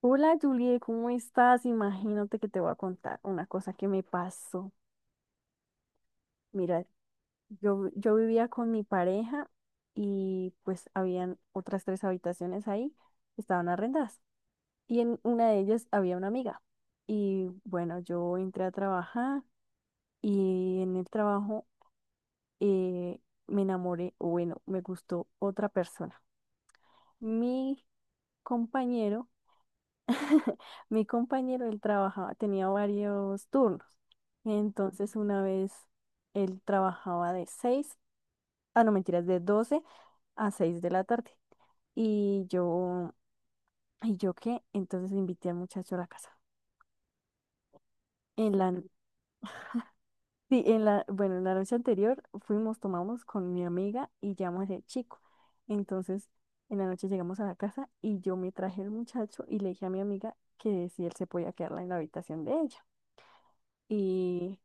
Hola Julie, ¿cómo estás? Imagínate que te voy a contar una cosa que me pasó. Mira, yo vivía con mi pareja y pues habían otras tres habitaciones ahí, estaban arrendadas. Y en una de ellas había una amiga. Y bueno, yo entré a trabajar y en el trabajo eh, me enamoré, o bueno, me gustó otra persona. Mi compañero. Mi compañero, él trabajaba, tenía varios turnos. Entonces, una vez él trabajaba de 6 ah, no, mentiras, de 12 a 6 de la tarde. Y yo, ¿Y yo qué? Entonces invité al muchacho a la casa. En la, n- sí, en la noche anterior fuimos, tomamos con mi amiga y llamamos al chico. Entonces, en la noche llegamos a la casa y yo me traje al muchacho y le dije a mi amiga que si él se podía quedarla en la habitación de ella. Y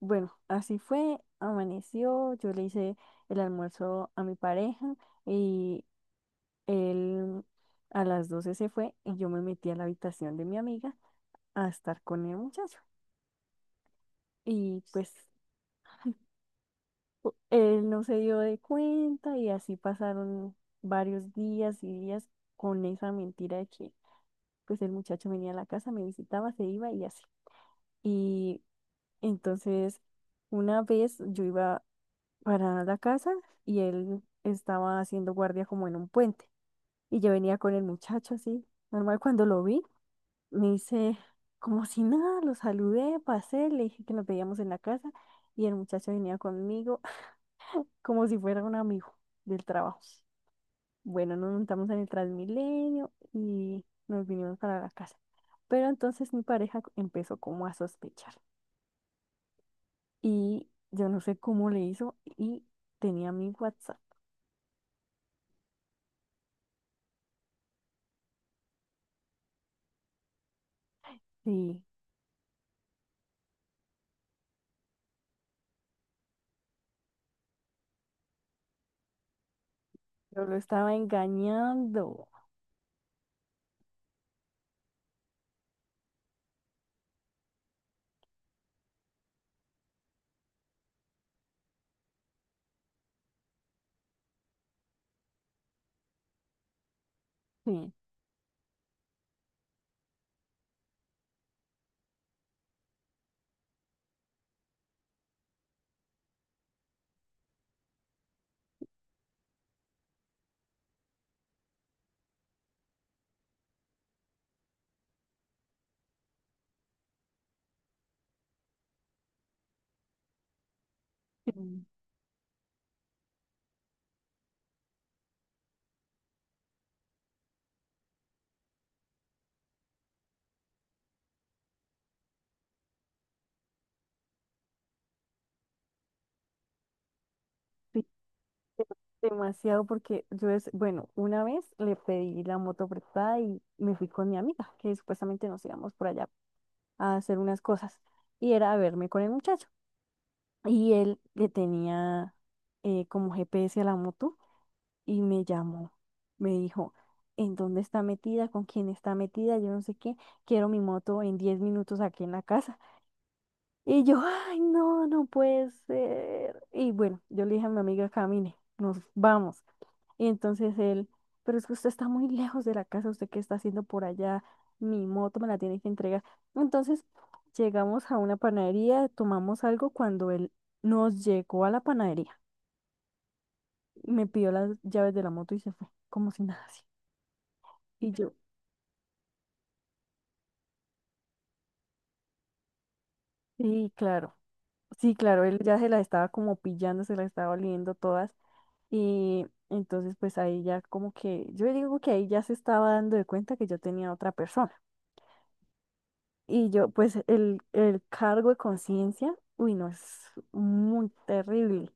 bueno, así fue, amaneció, yo le hice el almuerzo a mi pareja y él a las 12 se fue y yo me metí a la habitación de mi amiga a estar con el muchacho. Y pues él no se dio de cuenta y así pasaron varios días y días con esa mentira de que pues el muchacho venía a la casa, me visitaba, se iba y así. Y entonces una vez yo iba para la casa y él estaba haciendo guardia como en un puente. Y yo venía con el muchacho así, normal cuando lo vi, me hice como si nada, lo saludé, pasé, le dije que nos veíamos en la casa y el muchacho venía conmigo como si fuera un amigo del trabajo. Bueno, nos montamos en el Transmilenio y nos vinimos para la casa. Pero entonces mi pareja empezó como a sospechar y yo no sé cómo le hizo y tenía mi WhatsApp. Sí. Yo lo estaba engañando. Sí. Mm. Sí, demasiado, porque yo es, bueno, una vez le pedí la moto prestada y me fui con mi amiga, que supuestamente nos íbamos por allá a hacer unas cosas. Y era a verme con el muchacho. Y él le tenía como GPS a la moto y me llamó. Me dijo, ¿en dónde está metida? ¿Con quién está metida? Yo no sé qué. Quiero mi moto en 10 minutos aquí en la casa. Y yo, ay, no, no puede ser. Y bueno, yo le dije a mi amiga, camine, nos vamos. Y entonces él, pero es que usted está muy lejos de la casa, ¿usted qué está haciendo por allá? Mi moto me la tiene que entregar. Entonces llegamos a una panadería, tomamos algo cuando él nos llegó a la panadería. Me pidió las llaves de la moto y se fue, como si nada así. Y yo, sí, claro, sí, claro, él ya se las estaba como pillando, se las estaba oliendo todas. Y entonces pues ahí ya como que, yo digo que ahí ya se estaba dando de cuenta que yo tenía otra persona. Y yo pues el cargo de conciencia, uy, no, es muy terrible.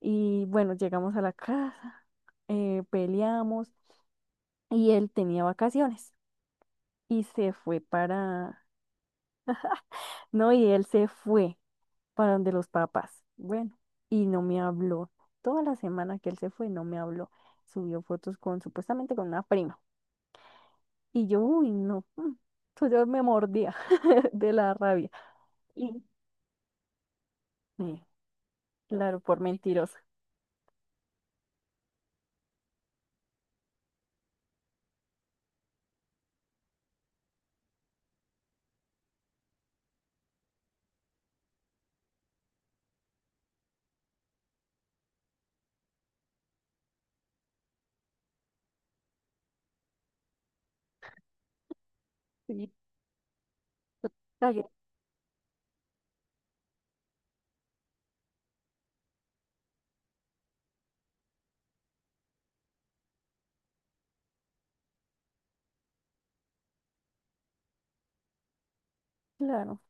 Y bueno, llegamos a la casa, peleamos y él tenía vacaciones y se fue para, no, y él se fue para donde los papás. Bueno, y no me habló. Toda la semana que él se fue, no me habló. Subió fotos con supuestamente con una prima. Y yo, uy, no. Mm. Entonces yo me mordía de la rabia. Y, eh, claro, por mentirosa. Sí. Cagué. Claro,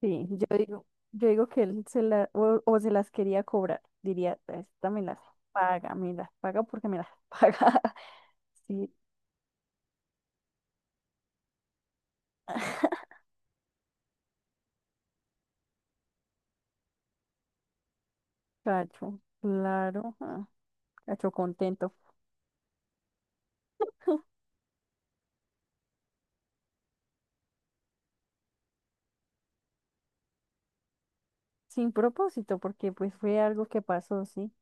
sí, yo digo que él se la, o se las quería cobrar. Diría, esta me las paga porque me las paga. Sí, cacho, claro, ah, cacho contento. Sin propósito, porque pues fue algo que pasó, sí.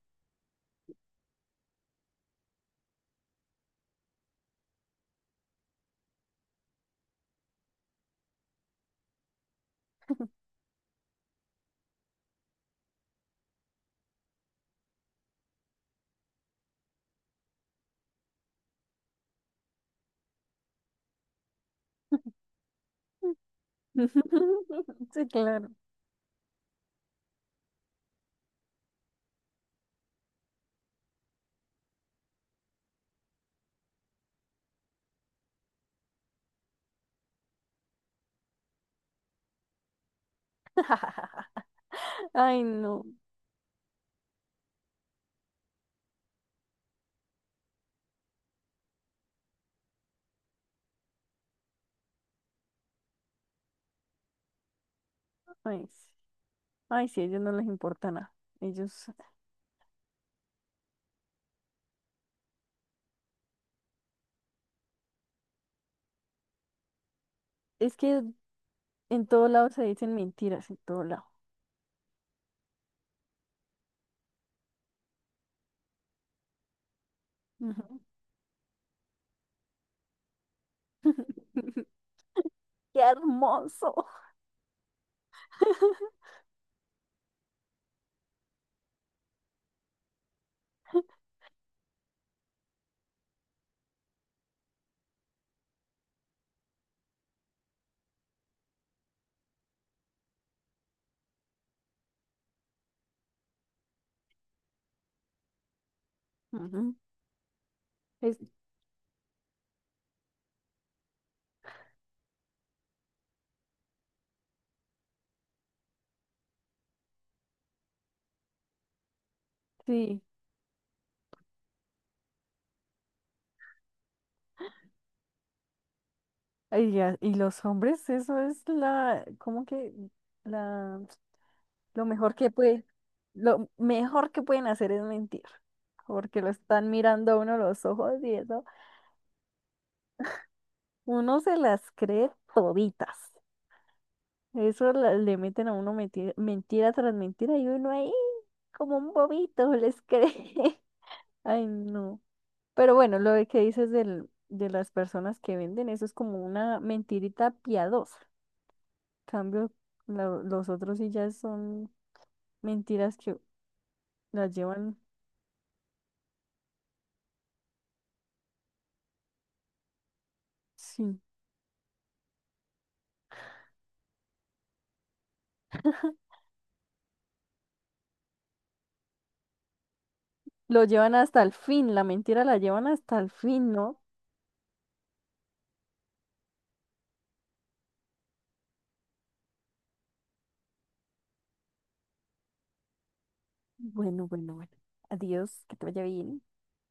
Sí, claro. Ay, no. Ay, sí. Ay, sí, a ellos no les importa nada. Ellos, es que en todo lado se dicen mentiras, en todo lado. Ujú. ¡Qué hermoso! Ujú. Es- sí, ay, ya, y, los hombres, eso es la, como que la, lo mejor que puede, lo mejor que pueden hacer es mentir, porque lo están mirando a uno los ojos y eso, uno se las cree toditas. Eso le meten a uno mentira, mentira tras mentira y uno ahí como un bobito les cree. Ay, no. Pero bueno, lo de que dices del, de las personas que venden, eso es como una mentirita piadosa. Cambio, los otros sí ya son mentiras que las llevan, sí, lo llevan hasta el fin, la mentira la llevan hasta el fin, ¿no? Bueno, bueno, bueno. Adiós, que te vaya bien.